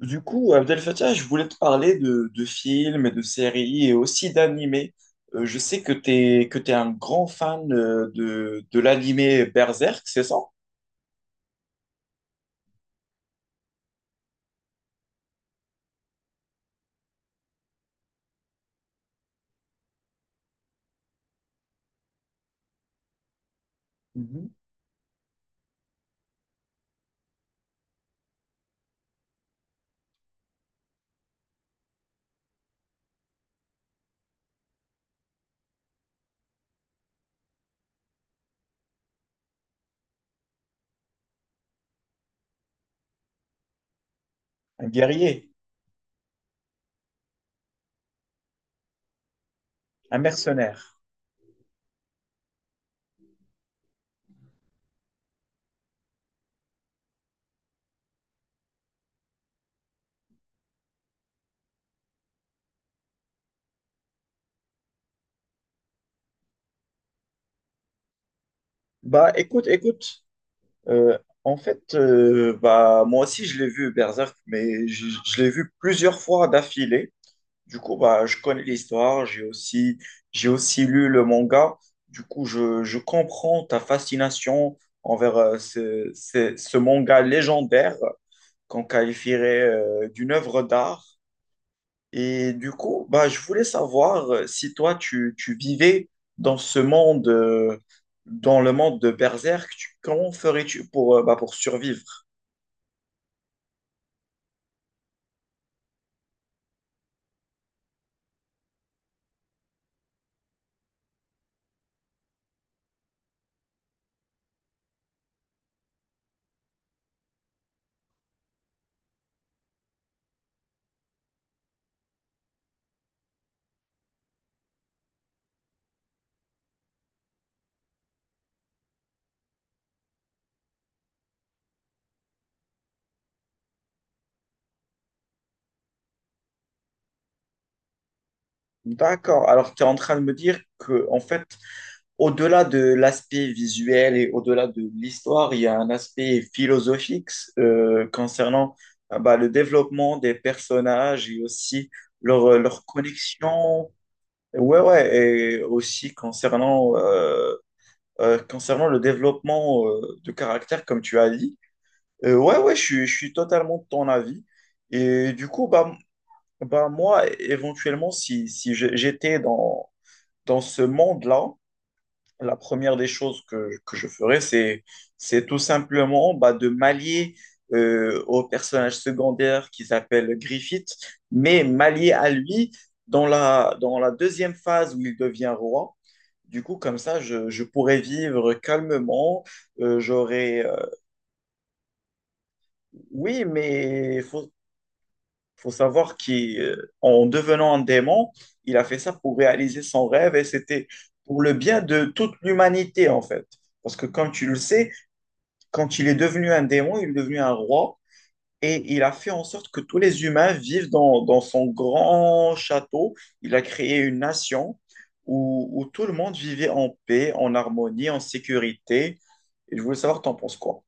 Du coup, Abdel Fattah, je voulais te parler de films et de séries et aussi d'animés. Je sais que tu un grand fan de l'animé Berserk, c'est ça? Mhm. Un guerrier, un mercenaire. Bah écoute, Euh, en fait, bah, moi aussi, je l'ai vu, Berserk, mais je l'ai vu plusieurs fois d'affilée. Du coup, bah, je connais l'histoire, j'ai aussi lu le manga. Du coup, je comprends ta fascination envers ce manga légendaire qu'on qualifierait d'une œuvre d'art. Et du coup, bah, je voulais savoir si toi, tu vivais dans ce monde, dans le monde de Berserk, comment ferais-tu pour, bah, pour survivre? D'accord. Alors, tu es en train de me dire que, en fait, au-delà de l'aspect visuel et au-delà de l'histoire, il y a un aspect philosophique concernant bah, le développement des personnages et aussi leur connexion. Ouais, ouais, et aussi concernant concernant le développement de caractère, comme tu as dit, ouais, ouais, je suis totalement de ton avis. Et du coup, bah, bah moi, éventuellement, si, si je- j'étais dans ce monde-là, la première des choses que je ferais, c'est tout simplement bah, de m'allier au personnage secondaire qui s'appelle Griffith, mais m'allier à lui dans la deuxième phase où il devient roi. Du coup, comme ça, je pourrais vivre calmement. J'aurais. Oui, faut savoir qu'en devenant un démon, il a fait ça pour réaliser son rêve et c'était pour le bien de toute l'humanité, en fait. Parce que, comme tu le sais, quand il est devenu un démon, il est devenu un roi. Et il a fait en sorte que tous les humains vivent dans son grand château. Il a créé une nation où tout le monde vivait en paix, en harmonie, en sécurité. Et je voulais savoir, t'en penses quoi?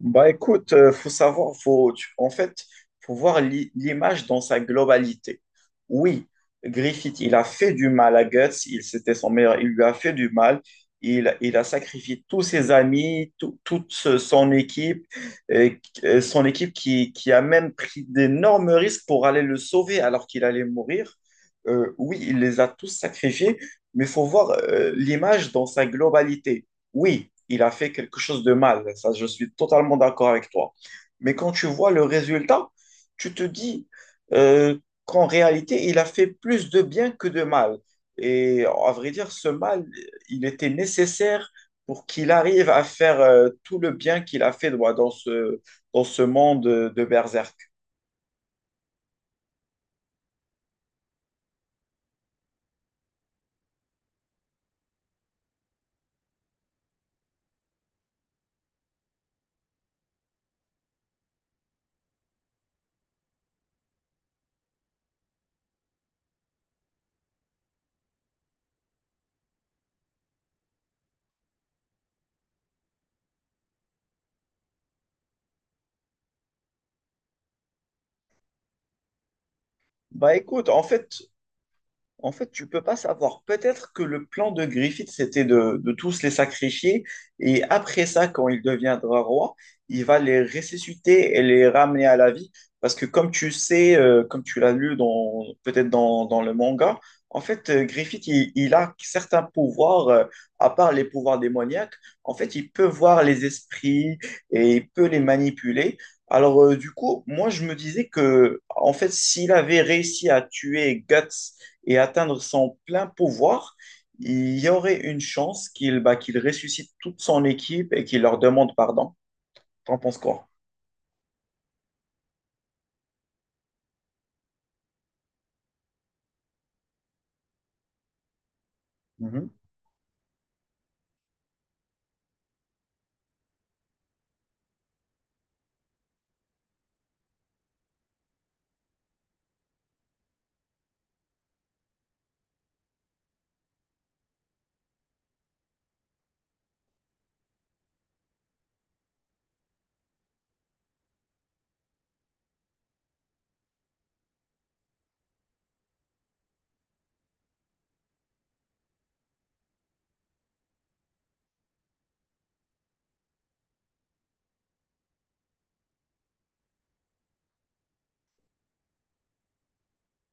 Bah écoute, faut savoir, faut, tu- en fait, faut voir l'image dans sa globalité. Oui, Griffith, il a fait du mal à Guts, il c'était son meilleur, il lui a fait du mal, il a sacrifié tous ses amis, son équipe, et, son équipe qui a même pris d'énormes risques pour aller le sauver alors qu'il allait mourir. Oui, il les a tous sacrifiés, mais faut voir l'image dans sa globalité oui, il a fait quelque chose de mal, ça je suis totalement d'accord avec toi. Mais quand tu vois le résultat, tu te dis euh, qu'en réalité, il a fait plus de bien que de mal. Et à vrai dire, ce mal, il était nécessaire pour qu'il arrive à faire tout le bien qu'il a fait voilà, dans ce monde de Berserk. Bah écoute, en fait, tu peux pas savoir. Peut-être que le plan de Griffith, c'était de tous les sacrifier, et après ça, quand il deviendra roi, il va les ressusciter et les ramener à la vie. Parce que comme tu sais, comme tu l'as lu dans, peut-être dans le manga, en fait, Griffith, il a certains pouvoirs, à part les pouvoirs démoniaques. En fait, il peut voir les esprits et il peut les manipuler. Alors, du coup, moi, je me disais que, en fait, s'il avait réussi à tuer Guts, et atteindre son plein pouvoir, il y aurait une chance qu'il bah, qu'il ressuscite toute son équipe et qu'il leur demande pardon. T'en penses quoi? Mhm.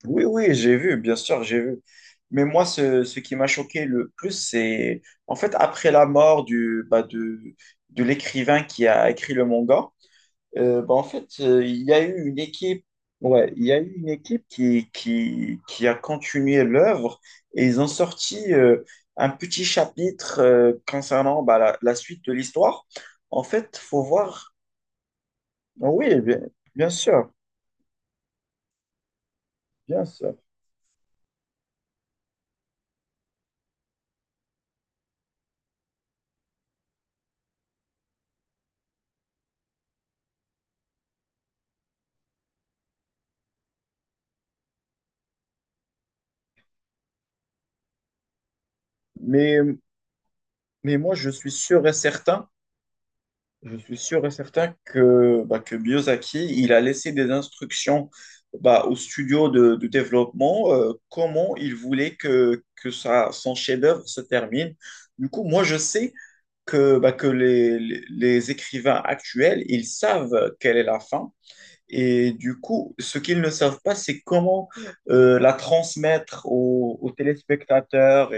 Oui, oui, j'ai vu, bien sûr, j'ai vu. Mais moi, ce qui m'a choqué le plus, c'est en fait après la mort de de l'écrivain qui a écrit le manga, il y a eu une équipe, ouais, il y a eu une équipe qui a continué l'œuvre et ils ont sorti un petit chapitre concernant bah, la suite de l'histoire. En fait, faut voir. Oui, bien, bien sûr, bien sûr. Mais, mais moi, je suis sûr et certain que, bah, que Miyazaki, il a laissé des instructions bah, au studio de développement comment il voulait que son chef-d'œuvre se termine. Du coup, moi, je sais que, bah, que les écrivains actuels, ils savent quelle est la fin. Et du coup, ce qu'ils ne savent pas, c'est comment la transmettre aux téléspectateurs.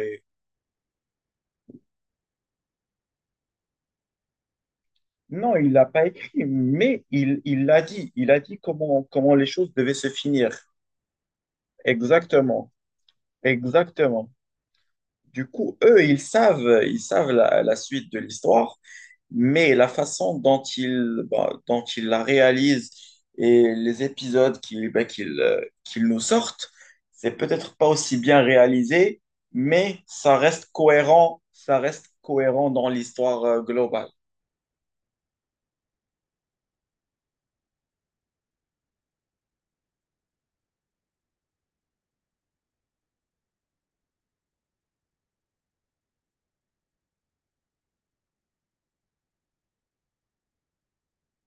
Non, il l'a pas écrit, mais il l'a dit. Il a dit comment les choses devaient se finir. Exactement, exactement. Du coup, eux, ils savent la suite de l'histoire, mais la façon dont ils, bah, dont ils la réalisent et les épisodes qu'ils bah, qu'ils nous sortent, c'est peut-être pas aussi bien réalisé, mais ça reste cohérent dans l'histoire globale.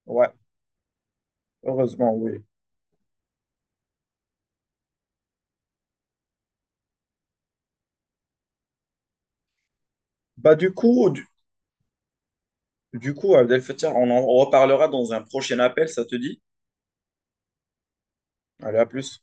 Ouais, heureusement, oui. Bah, du coup, Abdel Fattah, on en reparlera dans un prochain appel, ça te dit? Allez, à plus.